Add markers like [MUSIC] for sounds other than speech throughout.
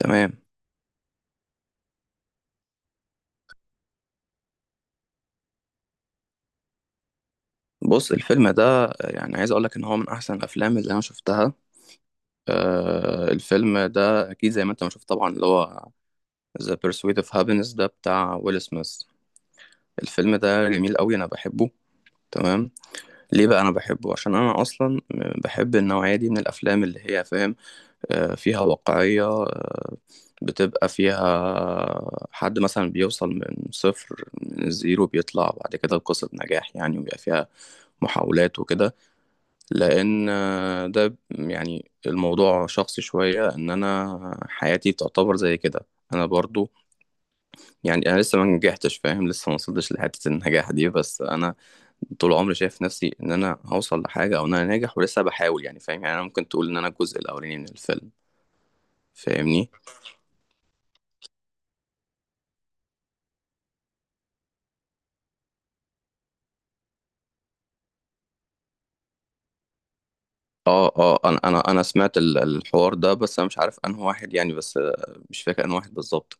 تمام. بص، الفيلم ده يعني عايز اقول لك ان هو من احسن الافلام اللي انا شفتها. آه، الفيلم ده اكيد زي ما انت ما شفت طبعا، اللي هو The Pursuit of Happiness ده بتاع ويل سميث. الفيلم ده جميل قوي، انا بحبه. تمام. ليه بقى انا بحبه؟ عشان انا اصلا بحب النوعية دي من الافلام اللي هي فاهم، آه، فيها واقعية. آه، بتبقى فيها حد مثلا بيوصل من صفر، من الزيرو، بيطلع بعد كده لقصة نجاح يعني، وبيبقى فيها محاولات وكده. لان ده يعني الموضوع شخصي شوية، ان انا حياتي تعتبر زي كده. انا برضو، يعني انا لسه ما نجحتش، فاهم، لسه ما وصلتش لحتة النجاح دي، بس انا طول عمري شايف نفسي ان انا هوصل لحاجة او ان انا ناجح ولسه بحاول يعني، فاهم، يعني انا ممكن تقول ان انا الجزء الاولاني من الفيلم. فاهمني؟ اه اه، انا سمعت الحوار ده، بس انا مش عارف انه واحد يعني. بس مش فاكر انه واحد بالظبط.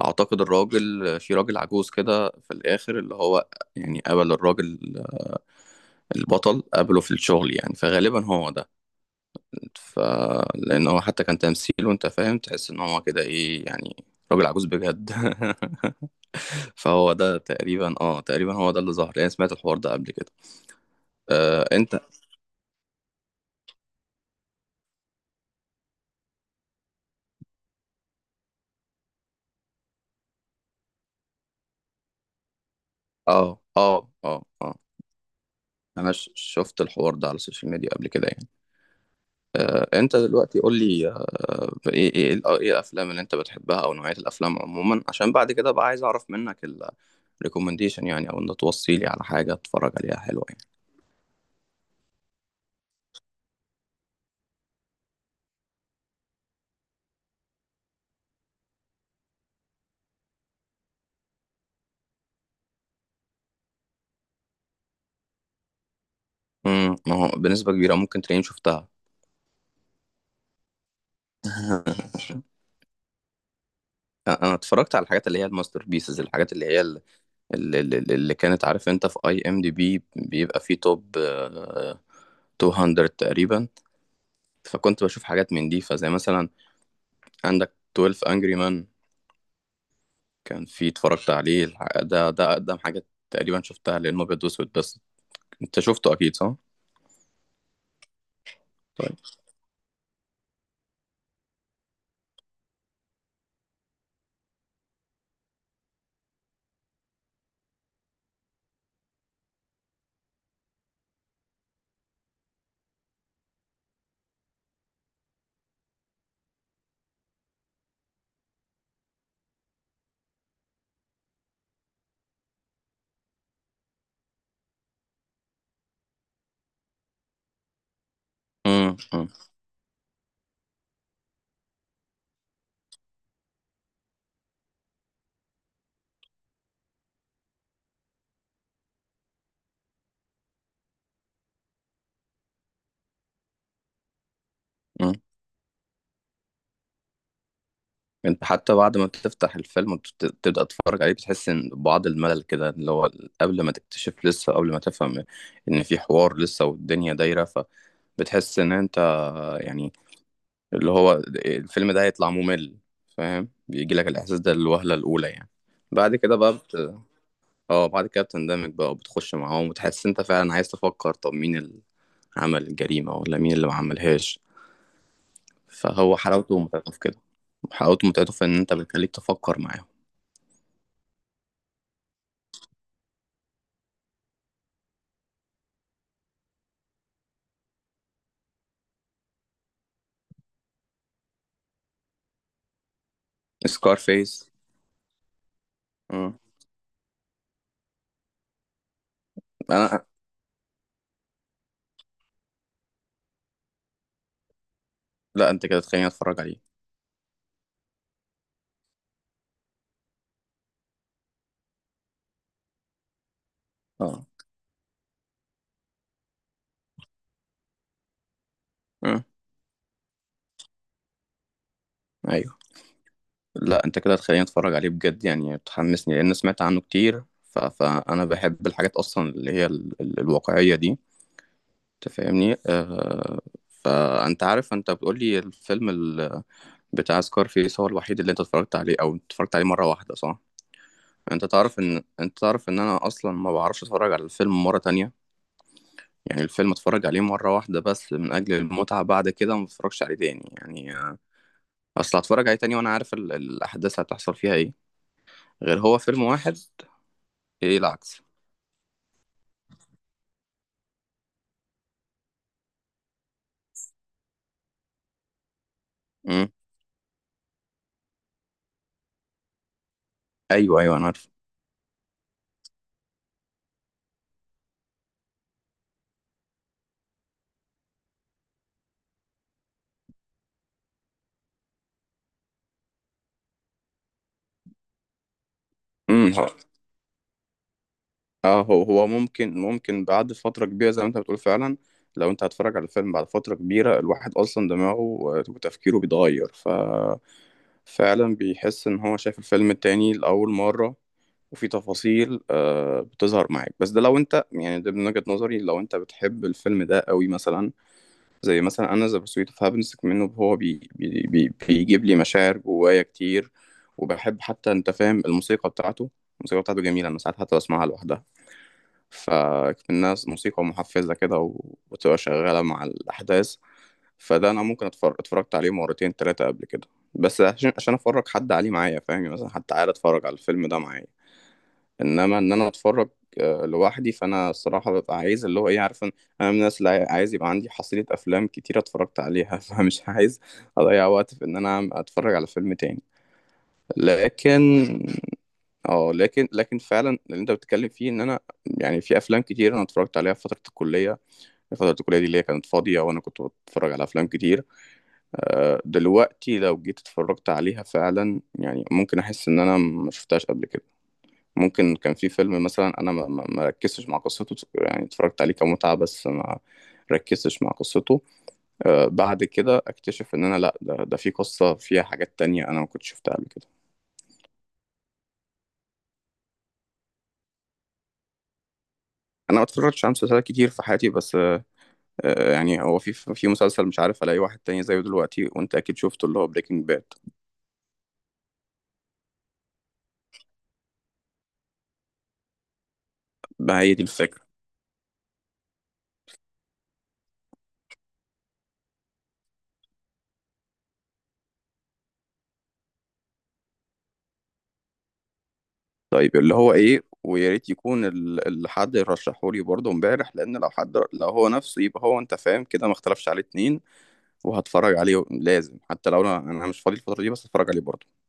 اعتقد الراجل، في راجل عجوز كده في الاخر اللي هو يعني قبل الراجل البطل قابله في الشغل يعني، فغالبا هو ده. ف لان هو حتى كان تمثيله، انت فاهم، تحس ان هو كده ايه يعني، راجل عجوز بجد [LAUGHS] فهو ده تقريبا، اه، تقريبا هو ده اللي ظهر يعني، سمعت الحوار ده قبل كده. آه انت. اه اه اه اه، انا شفت الحوار ده على السوشيال ميديا قبل كده يعني. آه، انت دلوقتي قول لي. آه، ايه الافلام اللي انت بتحبها او نوعية الافلام عموما، عشان بعد كده بقى عايز اعرف منك الريكومنديشن يعني، او انت توصي لي على حاجة اتفرج عليها حلوة. ما هو بنسبة كبيرة ممكن تلاقيني شفتها. [LAUGHS] انا اتفرجت على الحاجات اللي هي الماستر بيسز، الحاجات اللي هي اللي كانت، عارف انت، في اي ام دي بي بيبقى فيه توب، 200 تقريبا. فكنت بشوف حاجات من دي، فزي مثلا عندك 12 انجري مان، كان في، اتفرجت عليه، ده اقدم حاجة تقريبا شفتها لانه ابيض واسود بس. انت شفته اكيد صح؟ طيب. امم امم انت حتى بعد ما بتفتح الفيلم وتبدأ تتفرج عليه بتحس ان بعض الملل كده، اللي هو قبل ما تكتشف، لسه قبل ما تفهم ان في حوار لسه والدنيا دايرة، فبتحس ان انت يعني اللي هو الفيلم ده هيطلع ممل، فاهم؟ بيجي لك الاحساس ده الوهلة الاولى يعني. بعد كده بقى بت... اه، بعد كده بتندمج بقى وبتخش معاهم، وتحس انت فعلا عايز تفكر، طب مين اللي عمل الجريمة ولا مين اللي ما عملهاش. فهو حلاوته ومتعته في كده، حلاوته ومتعته في ان انت بتخليك تفكر معاهم. سكار فيس. مم. انا لا، انت كده تخليني اتفرج عليه. اه. مم. ايوه. لا، انت كده تخليني اتفرج عليه بجد يعني، بتحمسني، لان سمعت عنه كتير. فانا بحب الحاجات اصلا اللي هي الواقعيه دي، انت فاهمني؟ فانت عارف، انت بتقول لي الفيلم بتاع سكار فيس هو الوحيد اللي انت اتفرجت عليه، او اتفرجت عليه مره واحده، صح؟ انت تعرف ان انا اصلا ما بعرفش اتفرج على الفيلم مره تانية، يعني الفيلم اتفرج عليه مرة واحدة بس من أجل المتعة، بعد كده ما اتفرجش عليه تاني يعني. أصل هتفرج عليه تاني وأنا عارف الأحداث هتحصل فيها إيه، غير هو فيلم واحد. إيه العكس؟ مم. أيوه أيوه، أنا عارف. مم. آه، هو ممكن، بعد فترة كبيرة زي ما أنت بتقول فعلا. لو أنت هتتفرج على الفيلم بعد فترة كبيرة، الواحد أصلا دماغه، وتفكيره، بيتغير، فعلا بيحس ان هو شايف الفيلم التاني لأول مرة، وفي تفاصيل بتظهر معاك. بس ده لو انت يعني، ده من وجهة نظري، لو انت بتحب الفيلم ده قوي، مثلا زي مثلا انا ذا بيرسويت اوف هابينس منه، هو بي بي بي بيجيب لي مشاعر جوايا كتير، وبحب حتى، انت فاهم، الموسيقى بتاعته. الموسيقى بتاعته جميلة، انا ساعات حتى بسمعها لوحدها، فالناس موسيقى محفزة كده، وتبقى شغالة مع الأحداث. فده انا ممكن، اتفرجت عليه مرتين ثلاثه قبل كده، بس عشان افرج حد عليه معايا، فاهم يعني؟ مثلا حد تعالى اتفرج على الفيلم ده معايا، انما ان انا اتفرج لوحدي، فانا الصراحه ببقى عايز اللي هو ايه، عارف إن انا من الناس اللي عايز يبقى عندي حصيله افلام كتير اتفرجت عليها [LAUGHS] فمش عايز اضيع وقت في ان انا اتفرج على فيلم تاني. لكن، اه، لكن فعلا اللي انت بتتكلم فيه، ان انا يعني في افلام كتير انا اتفرجت عليها في فتره الكليه. فتره الكليه دي اللي هي كانت فاضيه وانا كنت بتفرج على افلام كتير. دلوقتي لو جيت اتفرجت عليها فعلا يعني، ممكن احس ان انا ما شفتهاش قبل كده. ممكن كان في فيلم مثلا انا ما ركزتش مع قصته يعني، اتفرجت عليه كمتعة بس ما ركزتش مع قصته. بعد كده اكتشف ان انا لا، ده في قصة فيها حاجات تانية انا ما كنتش شفتها قبل كده. انا ما اتفرجتش على مسلسلات كتير في حياتي، بس يعني هو في مسلسل مش عارف الاقي واحد تاني زيه دلوقتي، وانت اكيد شفته، اللي هو بريكنج باد. ما هي دي الفكرة. طيب، اللي هو ايه؟ ويا ريت يكون اللي حد رشحه لي برضه امبارح، لان لو حد، لو هو نفسه، يبقى هو انت فاهم كده ما اختلفش عليه اتنين، وهتفرج عليه لازم. حتى لو انا مش فاضي الفترة دي، بس هتفرج عليه برضه.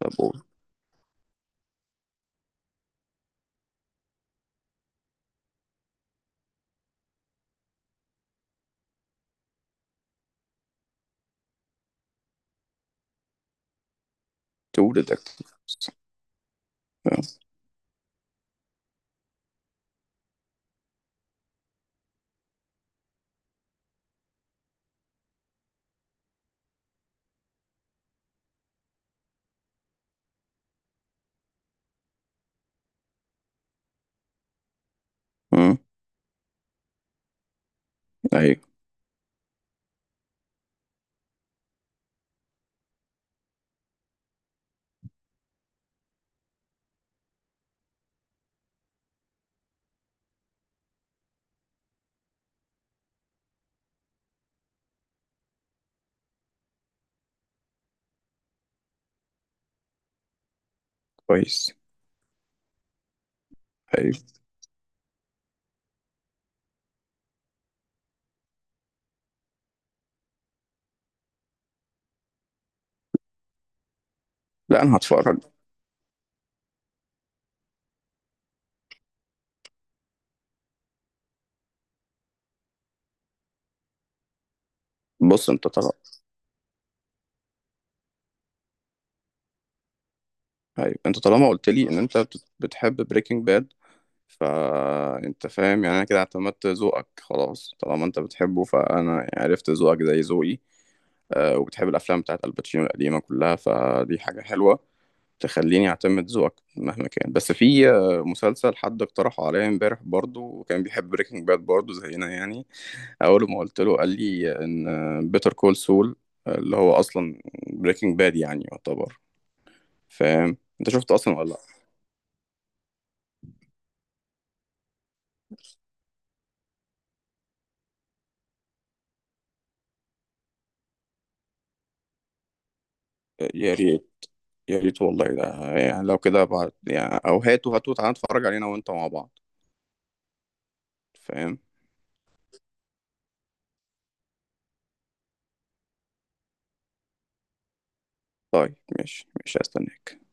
طب قول. تو ديتكتيف. امم. ايوه. كويس. ايوه. لا، انا هتفرج. بص انت طالما ايوه، انت طالما قلت لي ان انت بتحب بريكنج باد، فانت فاهم يعني انا كده اعتمدت ذوقك خلاص. طالما انت بتحبه فانا عرفت ذوقك زي ذوقي، وبتحب الافلام بتاعت الباتشينو القديمه كلها، فدي حاجه حلوه تخليني اعتمد ذوقك مهما كان. بس في مسلسل حد اقترحه عليا امبارح برضو، وكان بيحب بريكنج باد برضو زينا يعني، اول ما قلت له قال لي ان بيتر كول سول، اللي هو اصلا بريكنج باد يعني يعتبر، فاهم؟ انت شفته اصلا ولا لا؟ يا ريت. يا ريت والله، ده يعني لو كده بعد يعني، او هاته، هاته تعالى نتفرج علينا وانت مع بعض. فاهم؟ طيب، ماشي، مش هستناك.